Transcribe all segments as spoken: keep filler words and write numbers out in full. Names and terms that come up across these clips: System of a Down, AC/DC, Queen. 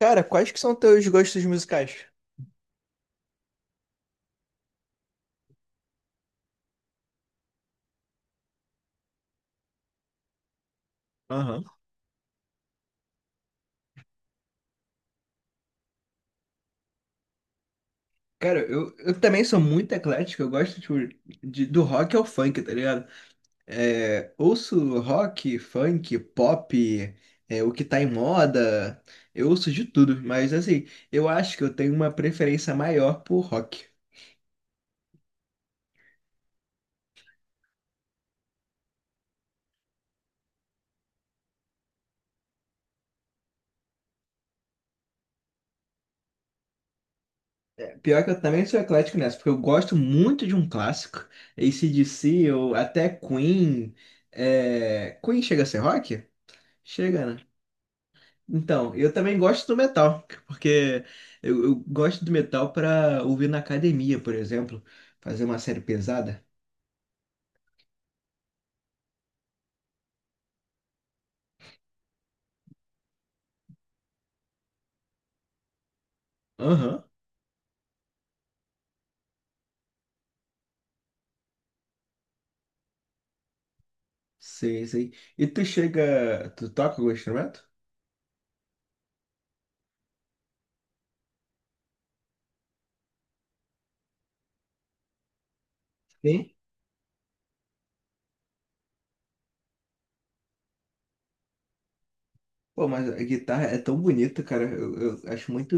Cara, quais que são teus gostos musicais? Aham. Cara, eu, eu também sou muito eclético, eu gosto tipo, de, do rock ao funk, tá ligado? É, ouço rock, funk, pop, é, o que tá em moda, eu ouço de tudo, mas assim, eu acho que eu tenho uma preferência maior por rock. Pior que eu também sou eclético nessa, porque eu gosto muito de um clássico, A C/D C ou até Queen. é, Queen chega a ser rock? Chega, né? Então, eu também gosto do metal, porque eu, eu gosto do metal para ouvir na academia, por exemplo, fazer uma série pesada. Aham, sei, sei. E tu chega, tu toca algum instrumento? Sim. Pô, mas a guitarra é tão bonita, cara. Eu, eu acho muito.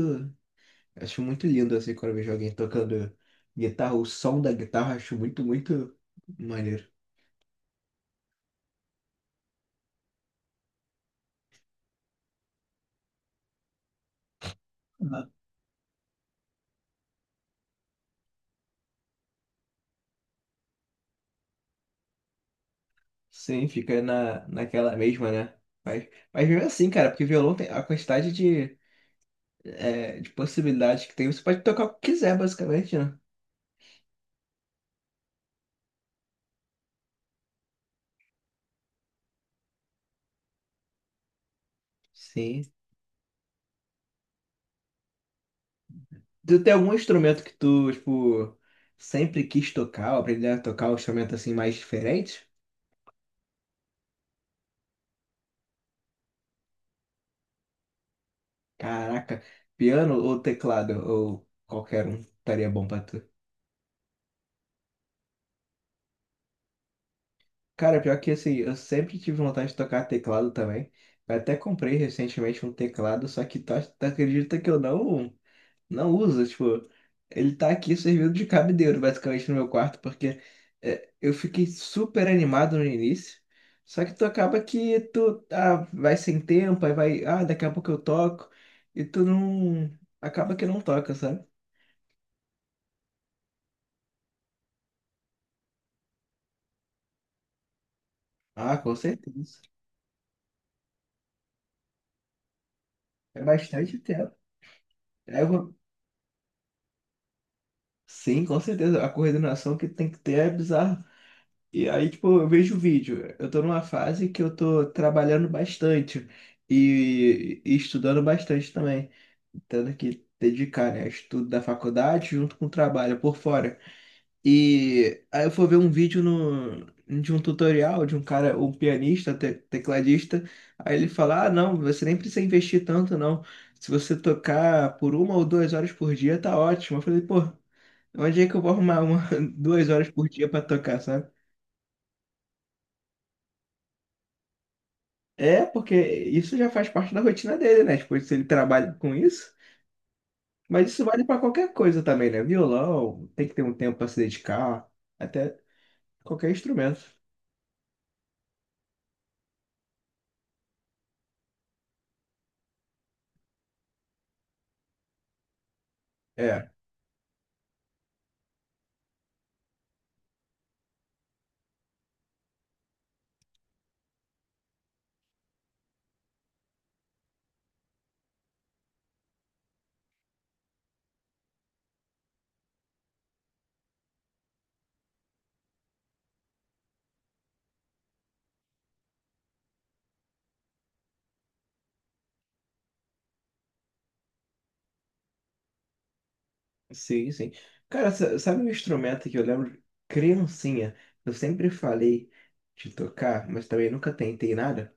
Acho muito lindo assim quando eu vejo alguém tocando guitarra, o som da guitarra, acho muito, muito maneiro. Uhum. Sim, fica na, naquela mesma, né? Mas, mas mesmo assim, cara, porque violão tem a quantidade de, é, de possibilidades que tem, você pode tocar o que quiser, basicamente, né? Sim. Tu tem algum instrumento que tu, tipo, sempre quis tocar, ou aprender a tocar um instrumento assim mais diferente? Caraca, piano ou teclado, ou qualquer um estaria bom pra tu. Cara, pior que assim, eu sempre tive vontade de tocar teclado também. Eu até comprei recentemente um teclado, só que tu, ac- tu acredita que eu não, não uso? Tipo, ele tá aqui servindo de cabideiro, basicamente, no meu quarto, porque é, eu fiquei super animado no início. Só que tu acaba que tu ah, vai sem tempo, aí vai, ah, daqui a pouco eu toco, e tu não. Acaba que não toca, sabe? Ah, com certeza. É bastante tempo. Aí eu vou- Sim, com certeza. A coordenação que tem que ter é bizarra. E aí, tipo, eu vejo o vídeo. Eu tô numa fase que eu tô trabalhando bastante e, e estudando bastante também. Tendo que dedicar, né, estudo da faculdade junto com o trabalho por fora. E aí eu fui ver um vídeo no, de um tutorial de um cara, um pianista, te- tecladista. Aí ele fala: Ah, não, você nem precisa investir tanto, não. Se você tocar por uma ou duas horas por dia, tá ótimo. Eu falei, pô, onde é que eu vou arrumar uma, duas horas por dia pra tocar, sabe? É, porque isso já faz parte da rotina dele, né? Tipo, se ele trabalha com isso. Mas isso vale pra qualquer coisa também, né? Violão, tem que ter um tempo pra se dedicar, até qualquer instrumento. É, sim, sim. Cara, sa- sabe um instrumento que eu lembro, criancinha, eu sempre falei de tocar, mas também nunca tentei nada?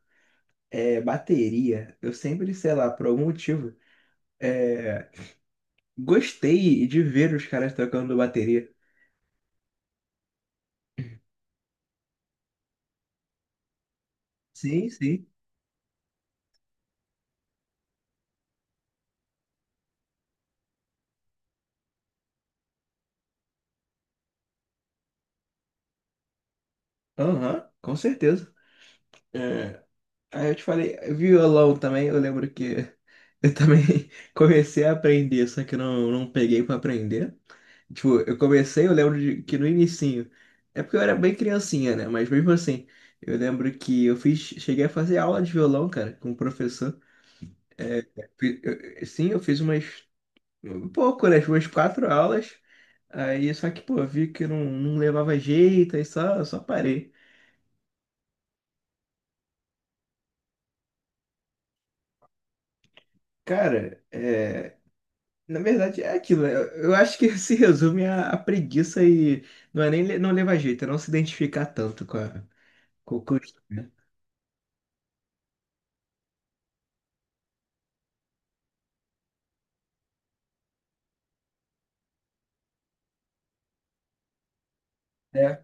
É bateria. Eu sempre, sei lá, por algum motivo, é, gostei de ver os caras tocando bateria. Sim, sim. Aham, com certeza. É, Aí eu te falei, violão também, eu lembro que eu também comecei a aprender, só que eu não, não peguei pra aprender. Tipo, eu comecei, eu lembro de, que no inicinho, é porque eu era bem criancinha, né? Mas mesmo assim, eu lembro que eu fiz, cheguei a fazer aula de violão, cara, com o professor. Fi- eu- eu- Sim, eu fiz umas, um pouco, né? Umas quatro aulas. Aí, só que, pô, vi que não, não levava jeito, aí só, só parei. Cara, é, na verdade, é aquilo. Né? Eu eu acho que se resume a, a preguiça e não é nem le- não levar jeito, é não se identificar tanto com a, com o custo, né? É,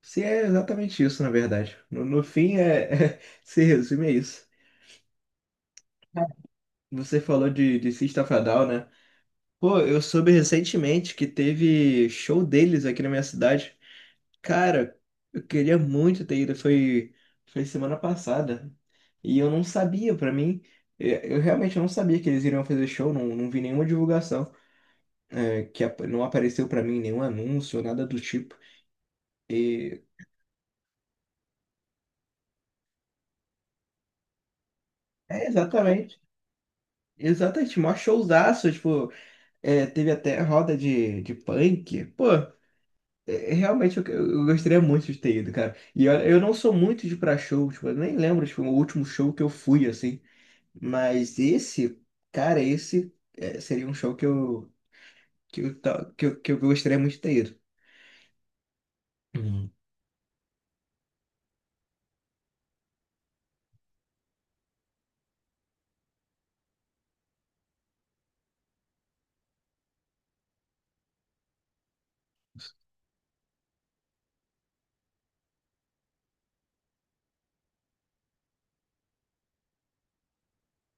se é exatamente isso, na verdade. No, no fim, é, se resume a isso. Você falou de, de System of a Down, né? Pô, eu soube recentemente que teve show deles aqui na minha cidade. Cara, eu queria muito ter ido, foi, foi semana passada. E eu não sabia, pra mim, é, eu realmente não sabia que eles iriam fazer show, não, não vi nenhuma divulgação, é, que ap- não apareceu pra mim nenhum anúncio, nada do tipo. E, é, exatamente, exatamente, mó showzaço, tipo, é, teve até roda de, de punk. Pô, é, é, realmente eu, eu gostaria muito de ter ido, cara. E olha, eu não sou muito de ir pra show, tipo, eu nem lembro, tipo, o último show que eu fui, assim. Mas esse, cara, esse é, seria um show que eu, que eu, ta- que eu, que eu gostaria muito de ter ido. Uhum.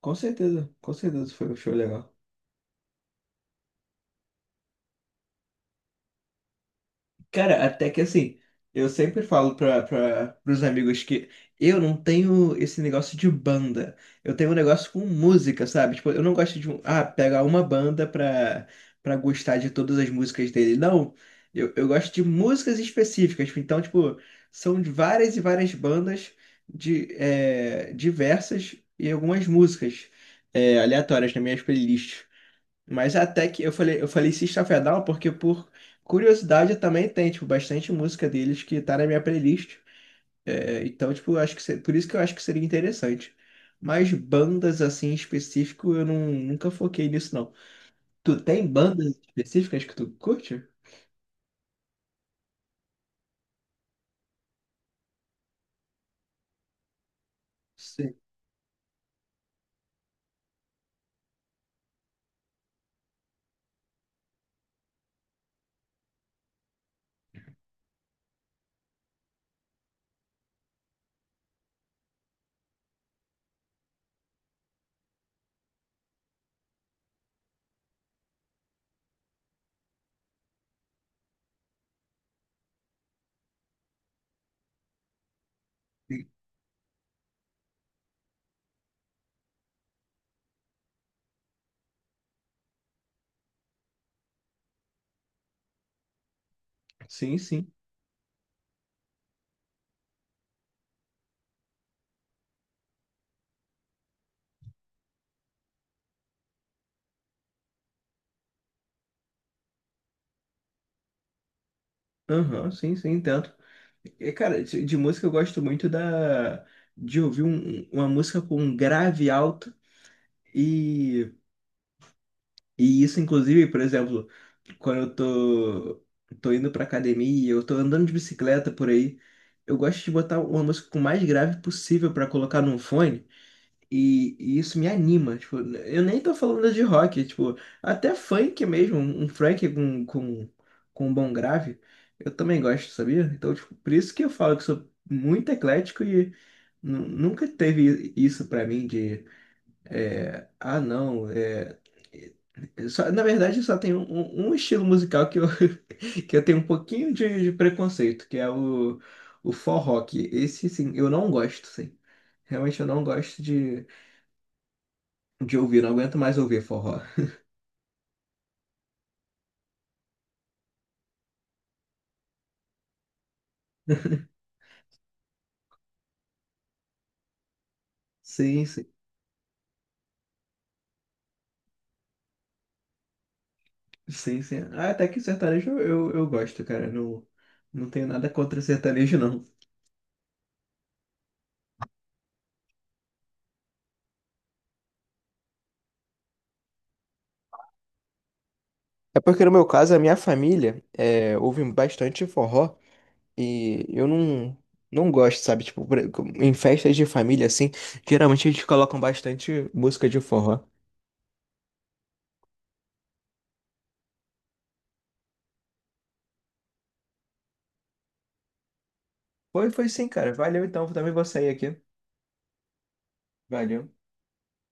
Com certeza, com certeza foi um show legal. Cara, até que assim, eu sempre falo pra, pra, pros amigos que eu não tenho esse negócio de banda. Eu tenho um negócio com música, sabe? Tipo, eu não gosto de, um- ah, pegar uma banda pra, pra gostar de todas as músicas dele. Não, eu, eu gosto de músicas específicas. Então, tipo, são de várias e várias bandas de, é, diversas e algumas músicas, é, aleatórias nas minhas playlists. Mas até que eu falei, eu falei System of a Down porque por curiosidade eu também tem, tipo, bastante música deles que tá na minha playlist. É, então, tipo, eu acho que se- por isso que eu acho que seria interessante. Mas bandas assim em específico, eu não, nunca foquei nisso, não. Tu tem bandas específicas que tu curte? Sim. Sim, sim. Aham, sim, sim, entendo. E, cara, de de música eu gosto muito da de ouvir um- uma música com um grave alto e E isso, inclusive, por exemplo, quando eu tô, tô indo pra academia, eu tô andando de bicicleta por aí, eu gosto de botar uma música com o mais grave possível pra colocar num fone, e, e isso me anima. Tipo, eu nem tô falando de rock, tipo, até funk mesmo, um um funk com, com, com um bom grave, eu também gosto, sabia? Então, tipo, por isso que eu falo que sou muito eclético e nu- nunca teve isso pra mim é, ah, não. É, é, só- na verdade, só tem um, um- um estilo musical que eu, que eu tenho um pouquinho de, de preconceito, que é o, o forró. Que Esse, sim, eu não gosto, sim. Realmente eu não gosto de, de ouvir, não aguento mais ouvir forró. Sim, sim, sim, sim. Ah, até que sertanejo eu, eu, eu gosto, cara. Não, não tenho nada contra sertanejo, não. É porque no meu caso, a minha família é, ouve bastante forró. E eu não, não gosto, sabe? Tipo, por- em festas de família, assim, geralmente eles colocam bastante música de forró. Foi, foi sim, cara. Valeu então, também vou sair aqui. Valeu.